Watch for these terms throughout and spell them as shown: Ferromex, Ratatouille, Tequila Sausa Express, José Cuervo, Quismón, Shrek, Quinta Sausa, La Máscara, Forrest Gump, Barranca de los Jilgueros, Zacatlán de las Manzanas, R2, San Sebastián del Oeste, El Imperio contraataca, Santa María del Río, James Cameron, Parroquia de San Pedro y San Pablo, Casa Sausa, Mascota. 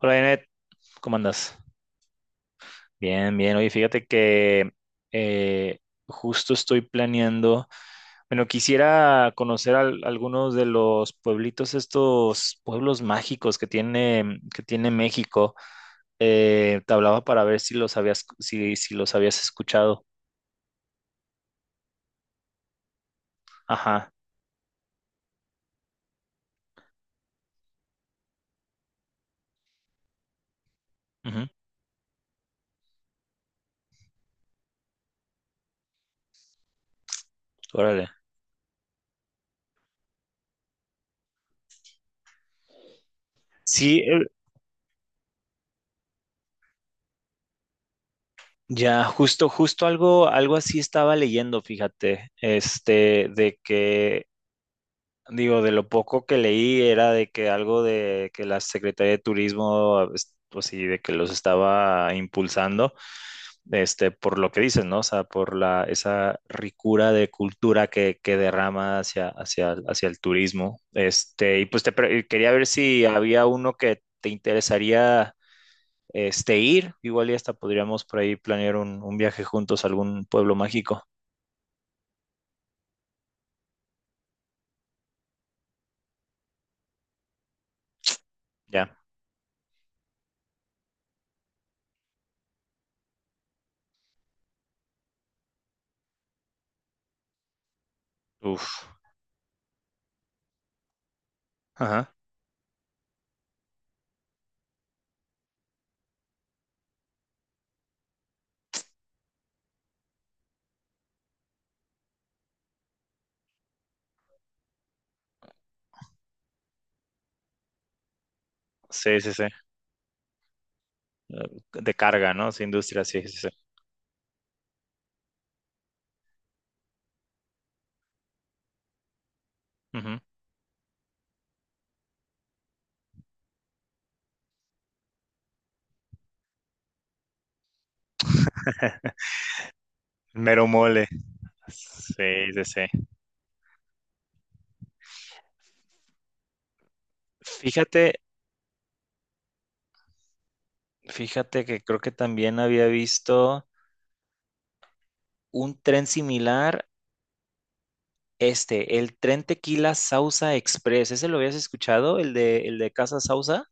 Hola, Janet, ¿cómo andas? Bien, bien. Oye, fíjate que eh, justo estoy planeando. Bueno, quisiera conocer algunos de los pueblitos, estos pueblos mágicos que tiene México. Te hablaba para ver si los habías, si los habías escuchado. Ajá. Ujú. Órale. Sí, ya, justo algo, algo así estaba leyendo, fíjate, este, de que digo, de lo poco que leí era de que algo de que la Secretaría de Turismo, pues sí, de que los estaba impulsando, este, por lo que dicen, ¿no? O sea, por la, esa ricura de cultura que derrama hacia, hacia, hacia el turismo. Este, y pues quería ver si había uno que te interesaría, este, ir. Igual y hasta podríamos por ahí planear un viaje juntos a algún pueblo mágico. Ya. Uf. Ajá. Sí, sí, sí. De carga, ¿no? Sí, industria, sí, sí, sí. Ujú. Mero mole. Sí, sí, sí. Fíjate, fíjate que creo que también había visto un tren similar, este, el tren Tequila Sausa Express. ¿Ese lo habías escuchado? El de Casa Sausa?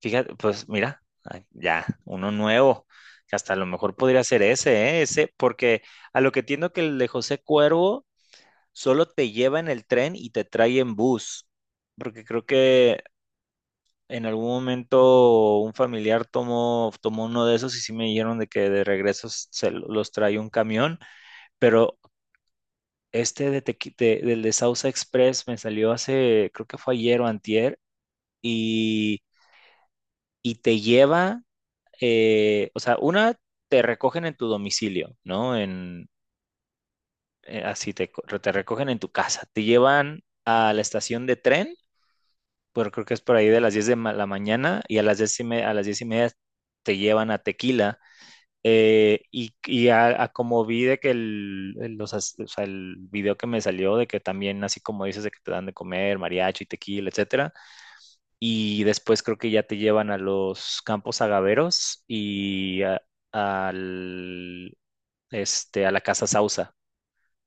Fíjate, pues mira, ay, ya, uno nuevo. Que hasta a lo mejor podría ser ese, ¿eh? Ese, porque a lo que entiendo que el de José Cuervo solo te lleva en el tren y te trae en bus. Porque creo que en algún momento un familiar tomó uno de esos y sí me dijeron de que de regreso los trae un camión, pero este del de Sausa Express me salió hace, creo que fue ayer o antier, y, y te lleva, o sea, una te recogen en tu domicilio, ¿no? En, así te, te recogen en tu casa, te llevan a la estación de tren, pero creo que es por ahí de las 10 la mañana y a las 10 y media te llevan a Tequila. Y a como vi de que o sea, el video que me salió de que también, así como dices, de que te dan de comer mariachi, tequila, etcétera, y después creo que ya te llevan a los campos agaveros y al, este, a la Casa Sausa,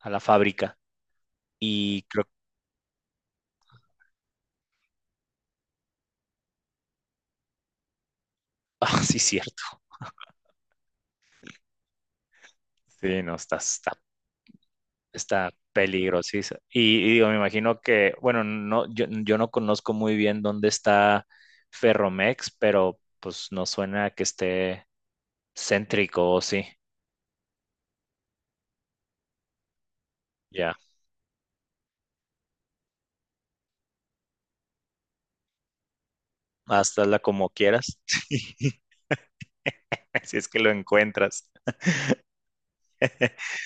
a la fábrica, y creo, ah, sí, cierto, sí, no, está, está peligrosísima. Y digo, me imagino que, bueno, no, yo no conozco muy bien dónde está Ferromex, pero pues no suena que esté céntrico, o sí. Ya, hasta la como quieras. Si es que lo encuentras.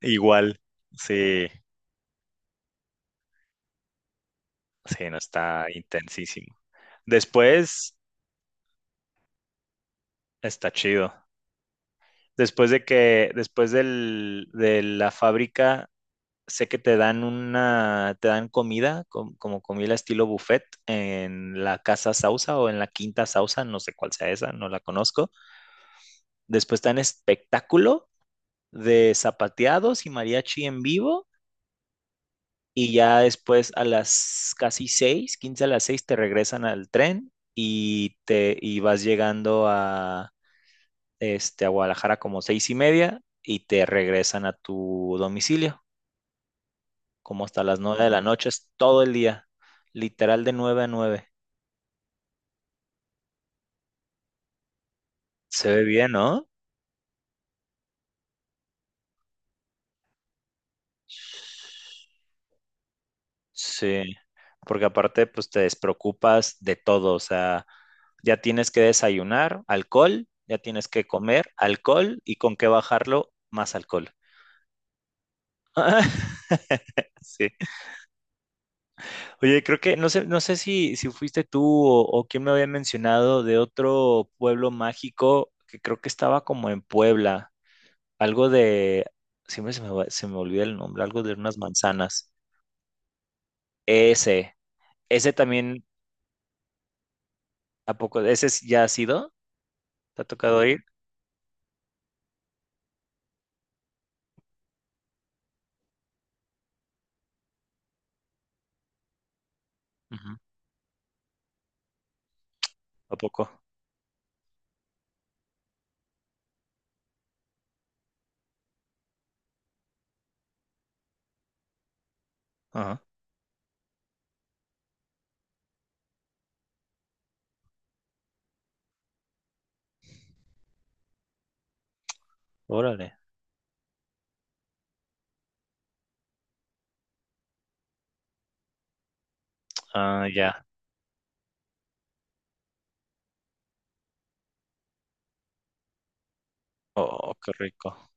Igual, sí, sí, no está intensísimo. Después está chido. Después de que, después de la fábrica sé que te dan comida, como comida estilo buffet, en la Casa Sausa o en la Quinta Sausa, no sé cuál sea esa, no la conozco. Después te dan espectáculo de zapateados y mariachi en vivo. Y ya después a las casi seis, 15 a las seis, te regresan al tren y te y vas llegando a, este, a Guadalajara como 6:30 y te regresan a tu domicilio, como hasta las 9 de la noche, es todo el día, literal de 9 a 9. Se ve bien, ¿no? Sí, porque aparte, pues te despreocupas de todo, o sea, ya tienes que desayunar, alcohol, ya tienes que comer, alcohol, y con qué bajarlo, más alcohol. Sí. Oye, creo que no sé, no sé si fuiste tú o quién me había mencionado de otro pueblo mágico que creo que estaba como en Puebla. Algo de, siempre se me, se me olvida el nombre, algo de unas manzanas. Ese, ese también, ¿a poco? ¿Ese ya ha sido? ¿Te ha tocado ir? Ujú. ¿A poco? Ajá. Órale. Ah, ya. Oh, qué rico.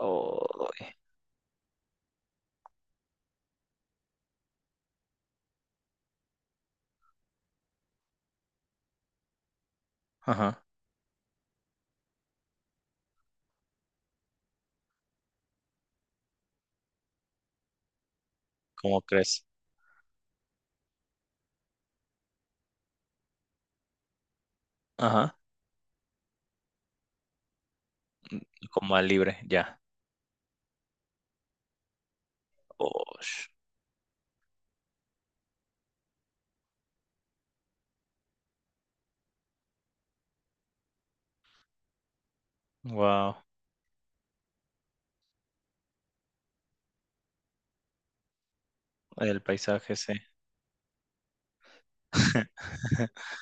Oh, ajá. ¿Cómo crees? Ajá. Mm, como al libre, ya. Oh, wow. El paisaje, sí.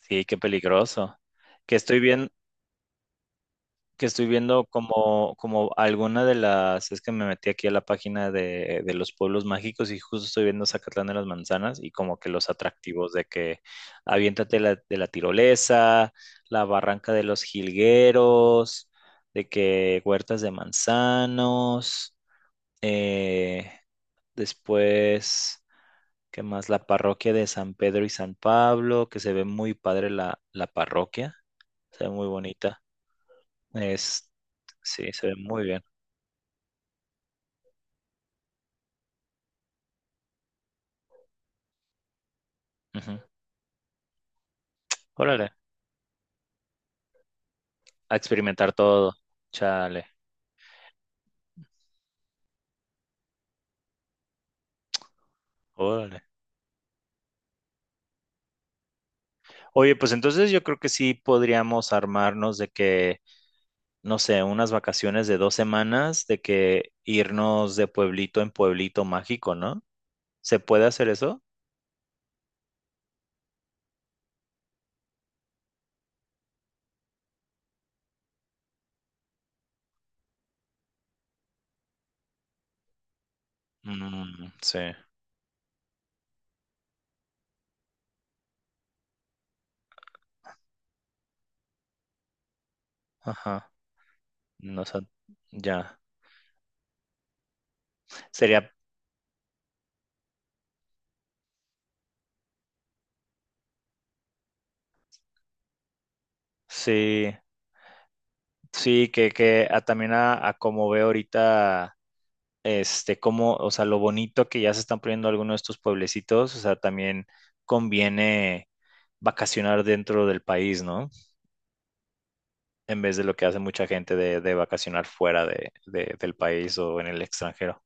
Sí, qué peligroso. Que estoy viendo. Que estoy viendo como, como alguna de las, es que me metí aquí a la página de los pueblos mágicos y justo estoy viendo Zacatlán de las Manzanas y como que los atractivos de que aviéntate de la tirolesa, la barranca de los jilgueros, de que huertas de manzanos, eh, después, ¿qué más? La parroquia de San Pedro y San Pablo, que se ve muy padre la parroquia, se ve muy bonita. Es, sí, se ve muy bien. Ujú. Órale, a experimentar todo. Chale, órale. Oye, pues entonces yo creo que sí podríamos armarnos de que, no sé, unas vacaciones de 2 semanas, de que irnos de pueblito en pueblito mágico, ¿no? ¿Se puede hacer eso? Mm, sí, ajá. No sé, ya. Sería, sí, sí, que también a como veo ahorita, este, cómo, o sea, lo bonito que ya se están poniendo algunos de estos pueblecitos, o sea, también conviene vacacionar dentro del país, ¿no? En vez de lo que hace mucha gente de vacacionar fuera del país o en el extranjero.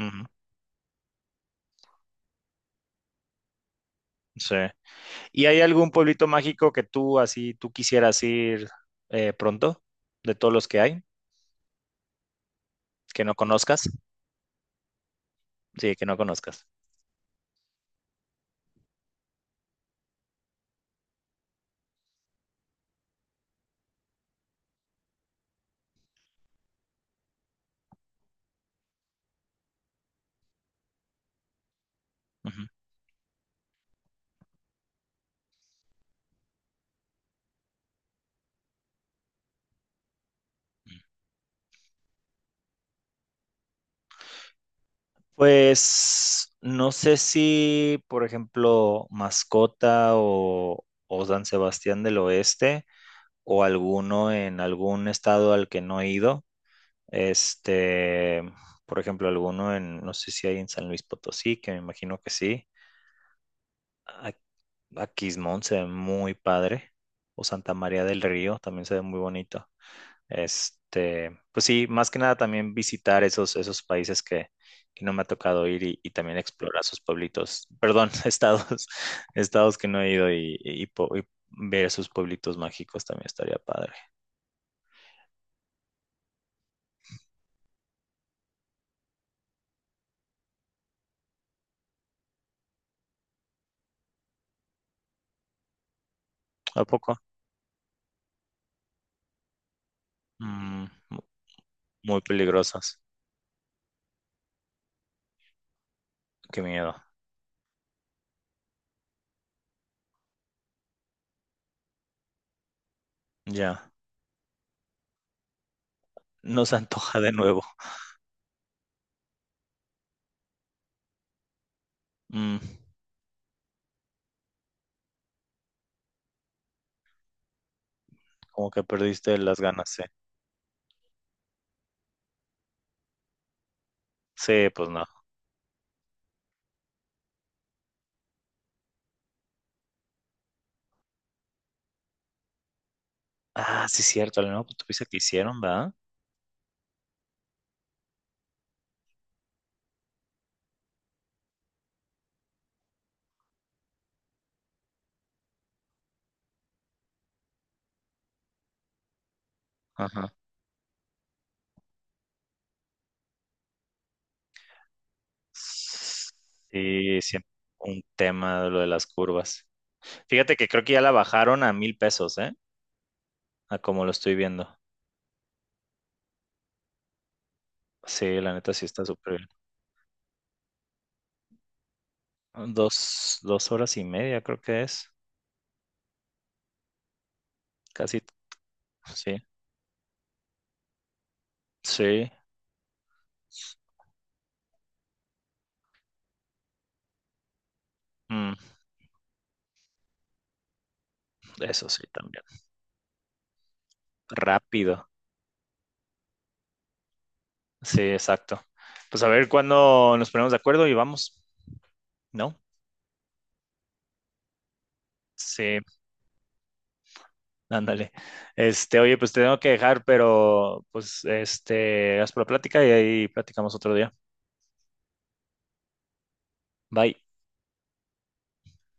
Ujú, sí. ¿Y hay algún pueblito mágico que tú así, tú quisieras ir pronto, de todos los que hay, que no conozcas? Sí, que no conozcas. Ujú. Pues no sé si, por ejemplo, Mascota o San Sebastián del Oeste o alguno en algún estado al que no he ido. Este, por ejemplo, alguno en, no sé si hay en San Luis Potosí, que me imagino que sí. A, a Quismón se ve muy padre. O Santa María del Río también se ve muy bonito. Este, pues sí, más que nada también visitar esos, esos países que no me ha tocado ir y también explorar sus pueblitos, perdón, estados, estados que no he ido y ver sus pueblitos mágicos también estaría padre. ¿A poco? Mm, mu- muy peligrosas. Qué miedo. Ya, no se antoja de nuevo. Mm, como que perdiste las ganas, sí. Sí, pues no. Ah, sí, cierto, no, pues tuviste que hicieron, ¿verdad? Ajá. Sí, siempre un tema de lo de las curvas. Fíjate que creo que ya la bajaron a 1,000 pesos, ¿eh? A como lo estoy viendo. Sí, la neta sí está súper bien. Dos horas y media creo que es. Casi, sí. Sí, mm, eso sí también. Rápido. Sí, exacto. Pues a ver cuándo nos ponemos de acuerdo y vamos, ¿no? Sí, ándale. Este, oye, pues te tengo que dejar, pero pues este, haz por la plática y ahí platicamos otro día. Bye.